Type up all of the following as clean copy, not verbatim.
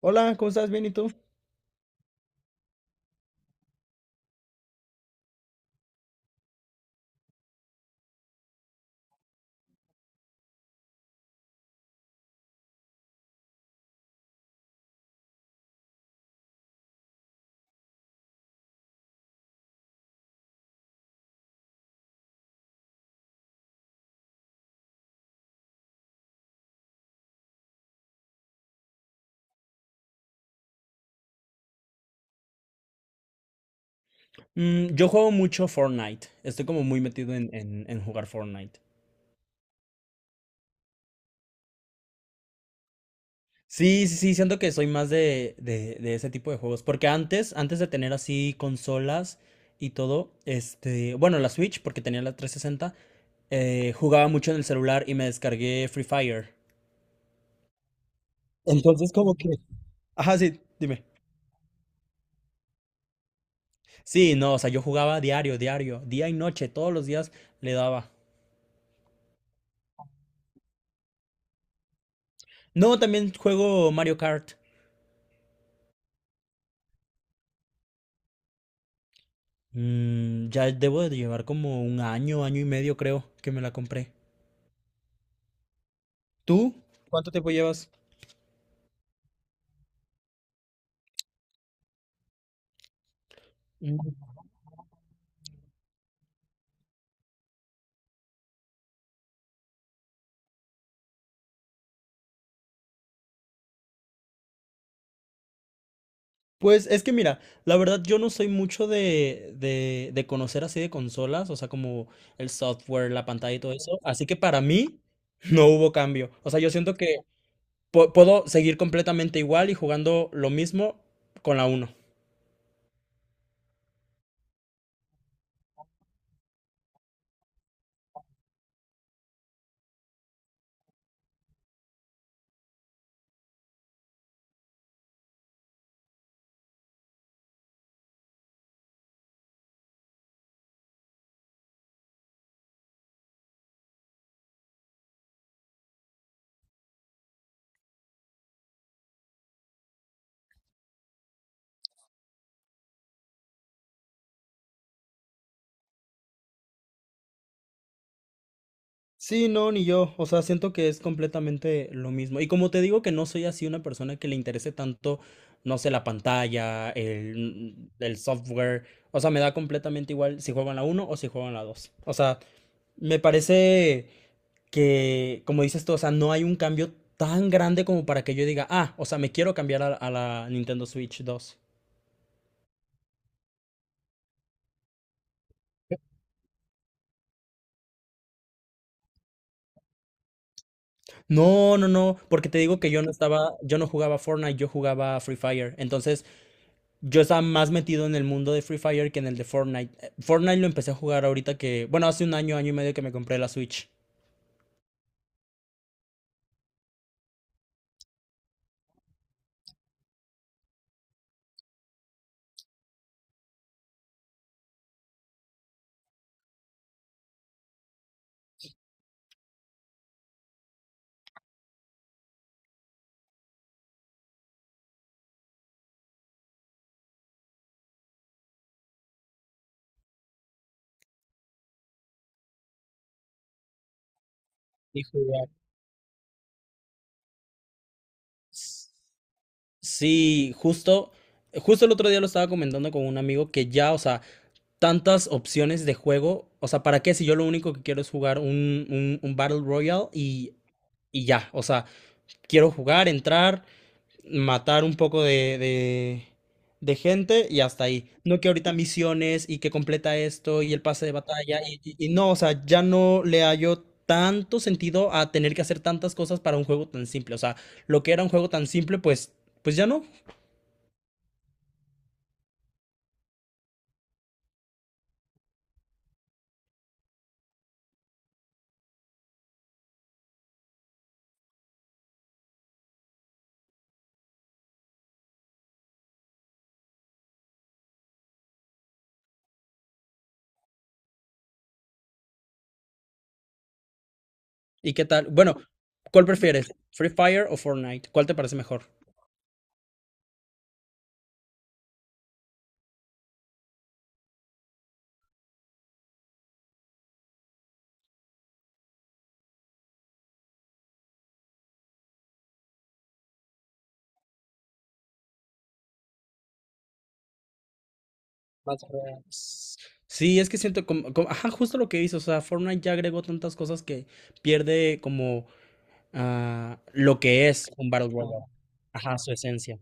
Hola, ¿cómo estás? ¿Bien y tú? Yo juego mucho Fortnite. Estoy como muy metido en jugar Fortnite. Sí, sí, sí, siento que soy más de ese tipo de juegos. Porque antes de tener así consolas y todo, este, bueno, la Switch, porque tenía la 360, jugaba mucho en el celular y me descargué Free Fire. Entonces, como que. Ajá, sí, dime. Sí, no, o sea, yo jugaba diario, diario, día y noche, todos los días le daba. No, también juego Mario Kart. Ya debo de llevar como un año, año y medio creo que me la compré. ¿Tú? ¿Cuánto tiempo llevas? Mm, Pues es que mira, la verdad yo no soy mucho de conocer así de consolas, o sea, como el software, la pantalla y todo eso. Así que para mí no hubo cambio. O sea, yo siento que puedo seguir completamente igual y jugando lo mismo con la uno. Sí, no, ni yo. O sea, siento que es completamente lo mismo. Y como te digo que no soy así una persona que le interese tanto, no sé, la pantalla, el software. O sea, me da completamente igual si juegan la uno o si juegan la 2. O sea, me parece que, como dices tú, o sea, no hay un cambio tan grande como para que yo diga, ah, o sea, me quiero cambiar a la Nintendo Switch 2. No, no, no, porque te digo que yo no estaba, yo no jugaba Fortnite, yo jugaba Free Fire. Entonces, yo estaba más metido en el mundo de Free Fire que en el de Fortnite. Fortnite lo empecé a jugar ahorita que, bueno, hace un año, año y medio que me compré la Switch. Y jugar. S- Sí, justo el otro día lo estaba comentando con un amigo que ya, o sea, tantas opciones de juego, o sea, ¿para qué si yo lo único que quiero es jugar un Battle Royale y ya, o sea, quiero jugar, entrar, matar un poco de gente y hasta ahí. No que ahorita misiones y que completa esto y el pase de batalla y no, o sea, ya no le hallo tanto sentido a tener que hacer tantas cosas para un juego tan simple. O sea, lo que era un juego tan simple, pues ya no. ¿Y qué tal? Bueno, ¿cuál prefieres? ¿Free Fire o Fortnite? ¿Cuál te parece mejor? Más reales. Sí, es que siento ajá, justo lo que dices, o sea, Fortnite ya agregó tantas cosas que pierde como lo que es un Battle Royale. Ajá, su esencia.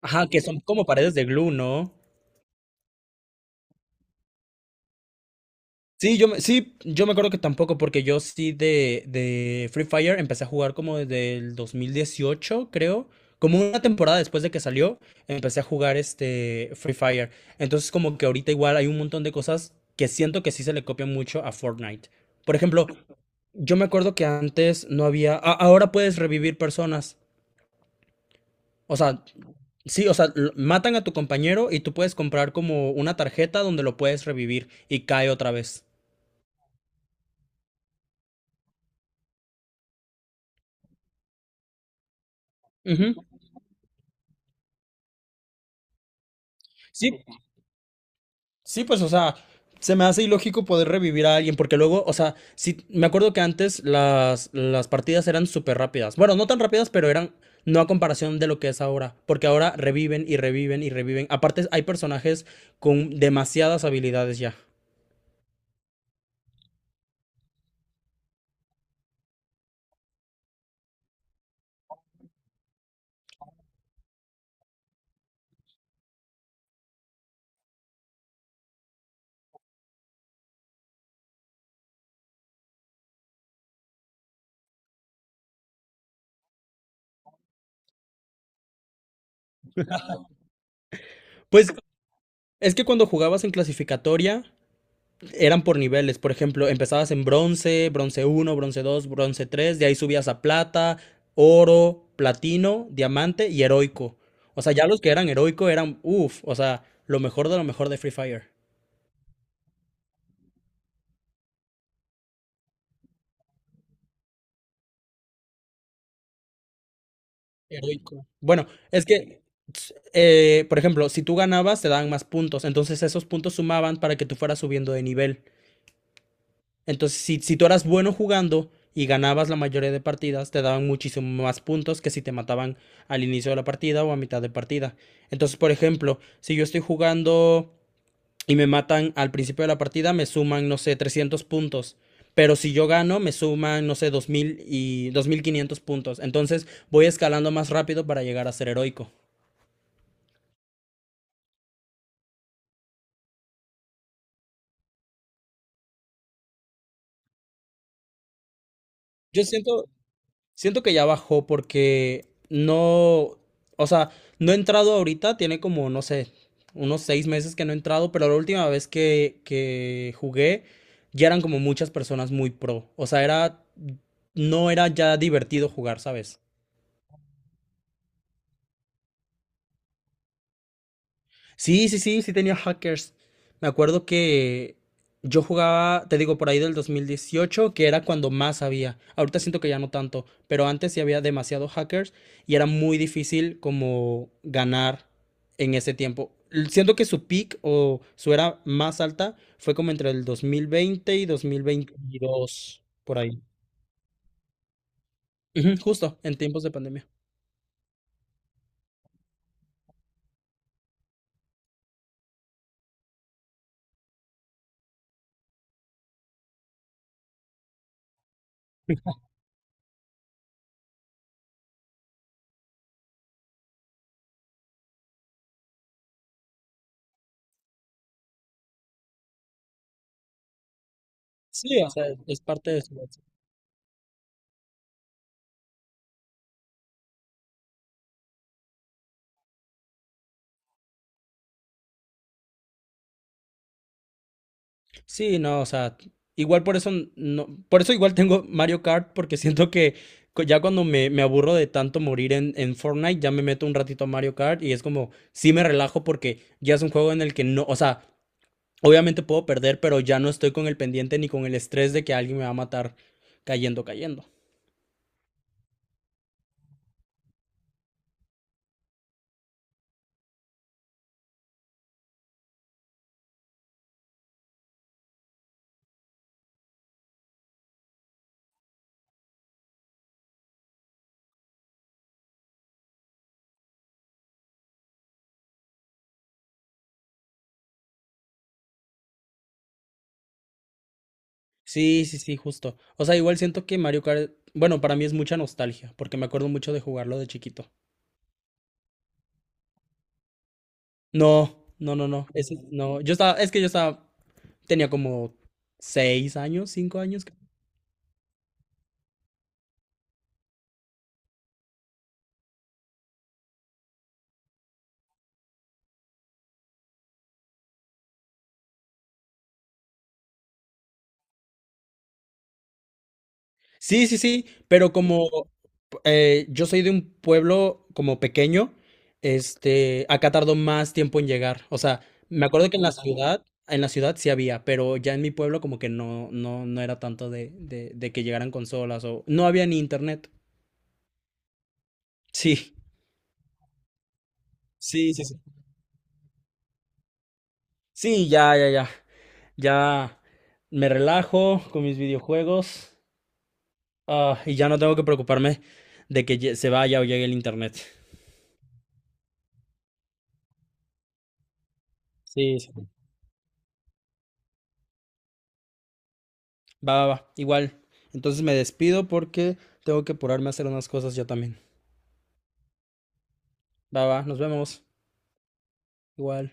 Ajá, que son como paredes de glue, ¿no? Sí, yo me acuerdo que tampoco, porque yo sí de Free Fire empecé a jugar como desde el 2018, creo. Como una temporada después de que salió, empecé a jugar este Free Fire. Entonces, como que ahorita igual hay un montón de cosas que siento que sí se le copian mucho a Fortnite. Por ejemplo, yo me acuerdo que antes no había. Ahora puedes revivir personas. O sea, sí, o sea, matan a tu compañero y tú puedes comprar como una tarjeta donde lo puedes revivir y cae otra vez. Ujú. Sí, sí, pues, o sea, se me hace ilógico poder revivir a alguien porque luego, o sea, sí, me acuerdo que antes las partidas eran súper rápidas. Bueno, no tan rápidas, pero eran no a comparación de lo que es ahora, porque ahora reviven y reviven y reviven. Aparte, hay personajes con demasiadas habilidades ya. Pues es que cuando jugabas en clasificatoria eran por niveles, por ejemplo, empezabas en bronce, bronce uno, bronce dos, bronce tres, de ahí subías a plata, oro, platino, diamante y heroico. O sea, ya los que eran heroico eran, uff, o sea, lo mejor de Free Fire. Heroico. Bueno, es que, por ejemplo, si tú ganabas, te daban más puntos, entonces esos puntos sumaban para que tú fueras subiendo de nivel. Entonces, si tú eras bueno jugando y ganabas la mayoría de partidas, te daban muchísimo más puntos que si te mataban al inicio de la partida o a mitad de partida. Entonces, por ejemplo, si yo estoy jugando y me matan al principio de la partida, me suman, no sé, 300 puntos. Pero si yo gano, me suman, no sé, 2000 y 2500 puntos. Entonces voy escalando más rápido para llegar a ser heroico. Yo siento, Siento que ya bajó porque no, o sea, no he entrado ahorita, tiene como, no sé, unos 6 meses que no he entrado, pero la última vez que jugué ya eran como muchas personas muy pro. O sea, era, no era ya divertido jugar, ¿sabes? Sí, sí, sí, sí tenía hackers. Me acuerdo que yo jugaba, te digo, por ahí del 2018, que era cuando más había. Ahorita siento que ya no tanto, pero antes sí había demasiados hackers y era muy difícil como ganar en ese tiempo. Siento que su peak o su era más alta fue como entre el 2020 y 2022, por ahí. Ujú, justo, en tiempos de pandemia. Sí, o sea, es parte de eso. Sí, no, o sea, igual por eso no, por eso igual tengo Mario Kart, porque siento que ya cuando me aburro de tanto morir en Fortnite, ya me meto un ratito a Mario Kart y es como, sí me relajo porque ya es un juego en el que no, o sea, obviamente puedo perder, pero ya no estoy con el pendiente ni con el estrés de que alguien me va a matar cayendo, cayendo. Sí, sí, sí, justo. O sea, igual siento que Mario Kart, bueno, para mí es mucha nostalgia, porque me acuerdo mucho de jugarlo de chiquito. No, no, no, no. Ese, no, yo estaba, es que yo estaba tenía como 6 años, 5 años. Sí, sí, sí, pero como yo soy de un pueblo como pequeño, este, acá tardó más tiempo en llegar. O sea, me acuerdo que en la ciudad sí había, pero ya en mi pueblo como que no, no, no era tanto de que llegaran consolas o no había ni internet. Sí, sí, sí, sí. Sí, ya, ya, ya. Ya me relajo con mis videojuegos. Ah, y ya no tengo que preocuparme de que se vaya o llegue el internet. Sí, sí. Va, va, va. Igual. Entonces me despido porque tengo que apurarme a hacer unas cosas ya también. Va, va. Nos vemos. Igual.